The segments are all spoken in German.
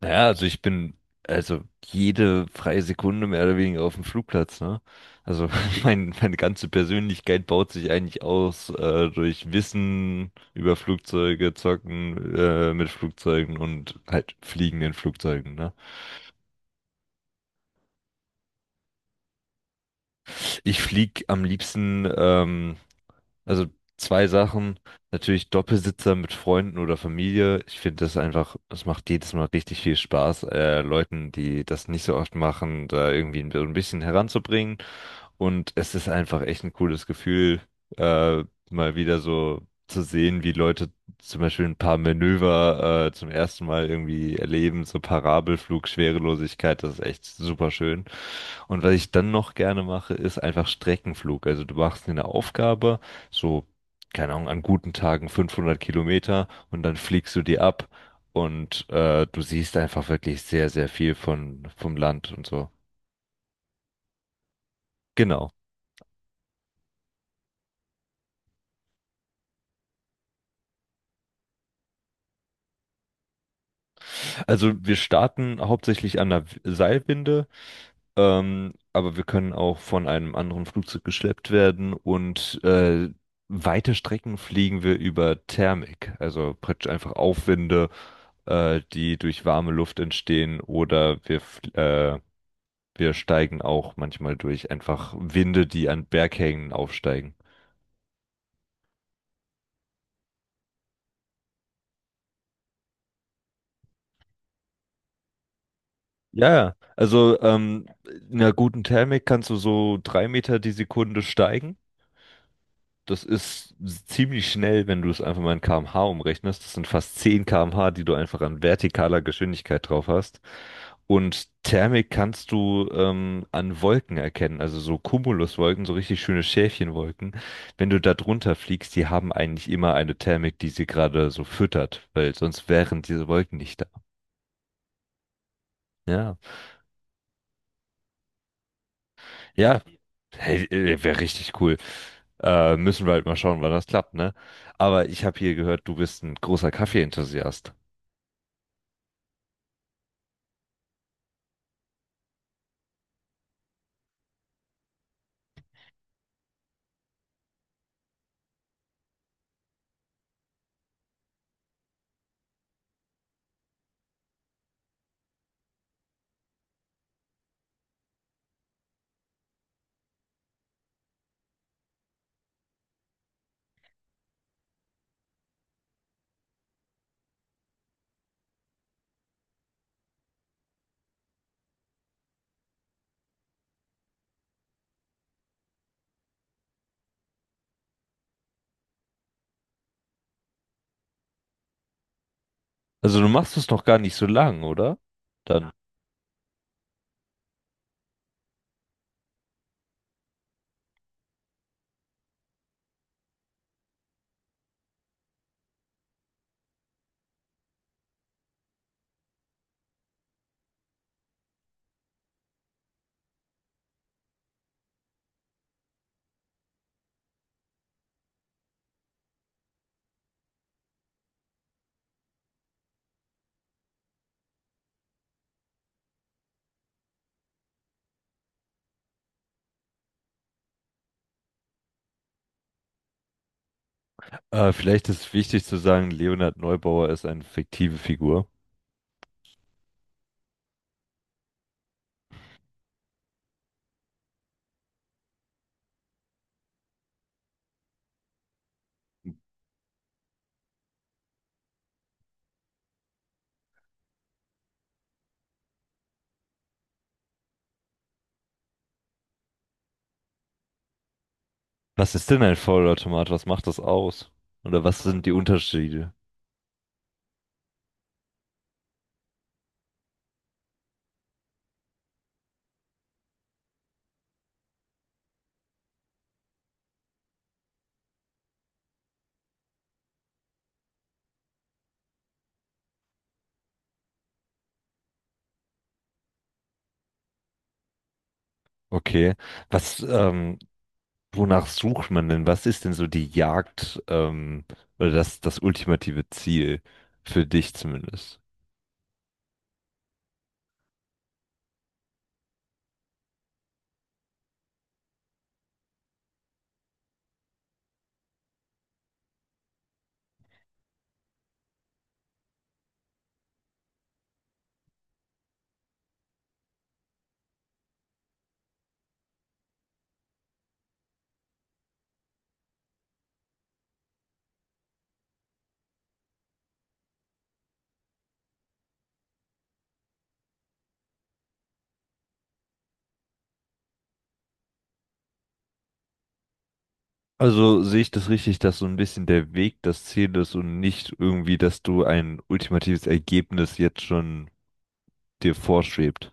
Naja, also ich bin jede freie Sekunde mehr oder weniger auf dem Flugplatz, ne? Also meine ganze Persönlichkeit baut sich eigentlich aus durch Wissen über Flugzeuge, Zocken mit Flugzeugen und halt Fliegen in Flugzeugen, ne? Ich flieg am liebsten, also zwei Sachen, natürlich Doppelsitzer mit Freunden oder Familie. Ich finde das einfach, es macht jedes Mal richtig viel Spaß, Leuten, die das nicht so oft machen, da irgendwie so ein bisschen heranzubringen. Und es ist einfach echt ein cooles Gefühl, äh, mal wieder so zu sehen, wie Leute zum Beispiel ein paar Manöver, zum ersten Mal irgendwie erleben, so Parabelflug, Schwerelosigkeit, das ist echt super schön. Und was ich dann noch gerne mache, ist einfach Streckenflug. Also du machst dir eine Aufgabe, so, keine Ahnung, an guten Tagen 500 Kilometer und dann fliegst du die ab und du siehst einfach wirklich sehr, sehr viel vom Land und so. Genau. Also wir starten hauptsächlich an der Seilwinde, aber wir können auch von einem anderen Flugzeug geschleppt werden und weite Strecken fliegen wir über Thermik, also praktisch einfach Aufwinde, die durch warme Luft entstehen oder äh, wir steigen auch manchmal durch einfach Winde, die an Berghängen aufsteigen. Ja, ja. Also in einer guten Thermik kannst du so 3 Meter die Sekunde steigen. Das ist ziemlich schnell, wenn du es einfach mal in km/h umrechnest. Das sind fast 10 km/h, die du einfach an vertikaler Geschwindigkeit drauf hast. Und Thermik kannst du an Wolken erkennen, also so Cumuluswolken, so richtig schöne Schäfchenwolken. Wenn du da drunter fliegst, die haben eigentlich immer eine Thermik, die sie gerade so füttert, weil sonst wären diese Wolken nicht da. Ja, ja, hey, wäre richtig cool. Müssen wir halt mal schauen, wann das klappt, ne? Aber ich habe hier gehört, du bist ein großer Kaffee-Enthusiast. Also du machst es noch gar nicht so lang, oder? Dann. Vielleicht ist wichtig zu sagen, Leonhard Neubauer ist eine fiktive Figur. Was ist denn ein Vollautomat? Was macht das aus? Oder was sind die Unterschiede? Okay. Was, wonach sucht man denn? Was ist denn so die Jagd, oder das ultimative Ziel? Für dich zumindest. Also sehe ich das richtig, dass so ein bisschen der Weg das Ziel ist und nicht irgendwie, dass du ein ultimatives Ergebnis jetzt schon dir vorschwebt.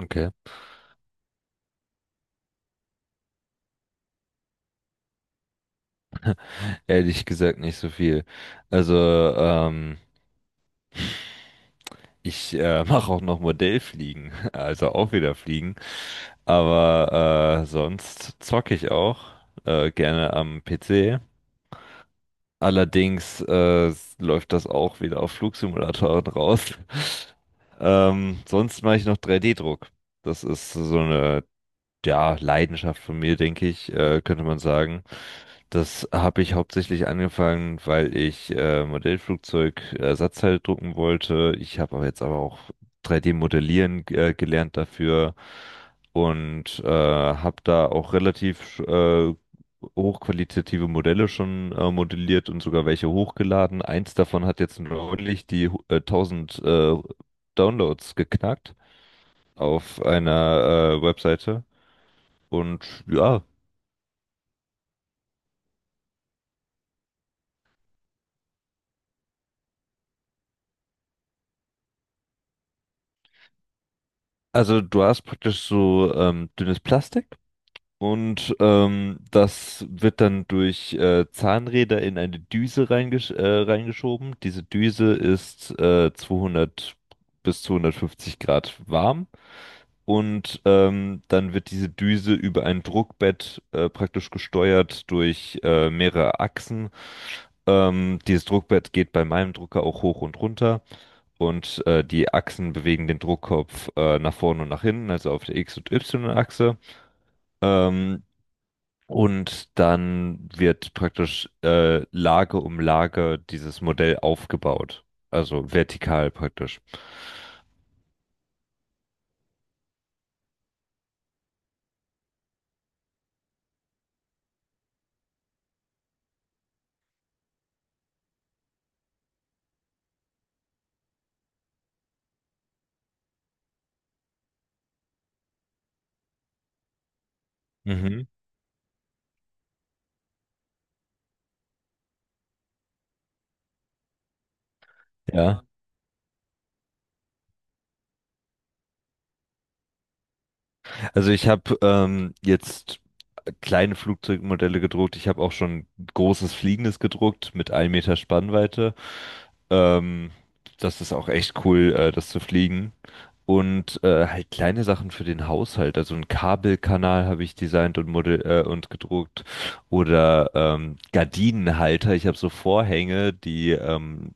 Okay. Ehrlich gesagt nicht so viel. Also, ich mache auch noch Modellfliegen, also auch wieder Fliegen. Aber sonst zocke ich auch gerne am PC. Allerdings läuft das auch wieder auf Flugsimulatoren raus. Sonst mache ich noch 3D-Druck. Das ist so eine ja, Leidenschaft von mir, denke ich, könnte man sagen. Das habe ich hauptsächlich angefangen, weil ich Modellflugzeug Ersatzteile drucken wollte. Ich habe aber jetzt auch 3D-Modellieren gelernt dafür und habe da auch relativ hochqualitative Modelle schon modelliert und sogar welche hochgeladen. Eins davon hat jetzt neulich die 1000 Downloads geknackt auf einer Webseite. Und ja, also du hast praktisch so dünnes Plastik und das wird dann durch Zahnräder in eine Düse reingeschoben. Diese Düse ist 200 bis 250 Grad warm und dann wird diese Düse über ein Druckbett praktisch gesteuert durch mehrere Achsen. Dieses Druckbett geht bei meinem Drucker auch hoch und runter. Und die Achsen bewegen den Druckkopf nach vorne und nach hinten, also auf der X- und Y-Achse. Ähm, und dann wird praktisch Lage um Lage dieses Modell aufgebaut. Also vertikal praktisch. Mhm. Ja. Also ich habe jetzt kleine Flugzeugmodelle gedruckt. Ich habe auch schon großes Fliegendes gedruckt mit 1 Meter Spannweite. Ähm, Das ist auch echt cool, das zu fliegen. Und halt kleine Sachen für den Haushalt. Also einen Kabelkanal habe ich designt und model und gedruckt oder Gardinenhalter. Ich habe so Vorhänge, die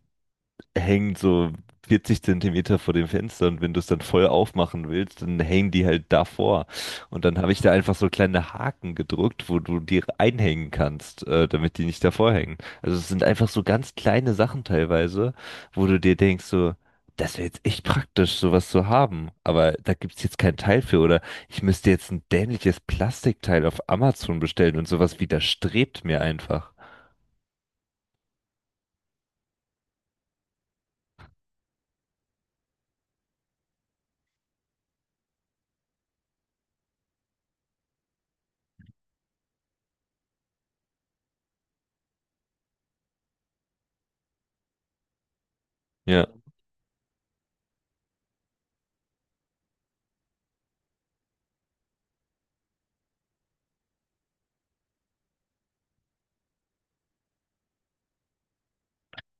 hängen so 40 Zentimeter vor dem Fenster und wenn du es dann voll aufmachen willst, dann hängen die halt davor. Und dann habe ich da einfach so kleine Haken gedrückt, wo du die einhängen kannst, damit die nicht davor hängen. Also es sind einfach so ganz kleine Sachen teilweise, wo du dir denkst so, das wäre jetzt echt praktisch, sowas zu haben. Aber da gibt's jetzt kein Teil für. Oder ich müsste jetzt ein dämliches Plastikteil auf Amazon bestellen und sowas widerstrebt mir einfach. Ja.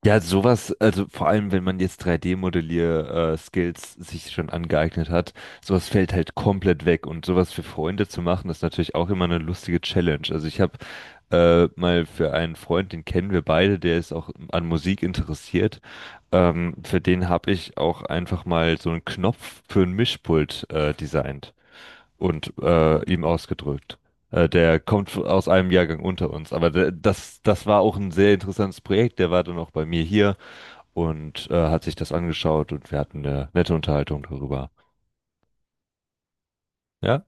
Ja, sowas, also vor allem, wenn man jetzt 3D-Modellier-Skills sich schon angeeignet hat, sowas fällt halt komplett weg. Und sowas für Freunde zu machen, ist natürlich auch immer eine lustige Challenge. Also ich habe mal für einen Freund, den kennen wir beide, der ist auch an Musik interessiert. Für den habe ich auch einfach mal so einen Knopf für ein Mischpult designt und ihm ausgedrückt. Der kommt aus einem Jahrgang unter uns, aber das war auch ein sehr interessantes Projekt. Der war dann auch bei mir hier und hat sich das angeschaut und wir hatten eine nette Unterhaltung darüber. Ja,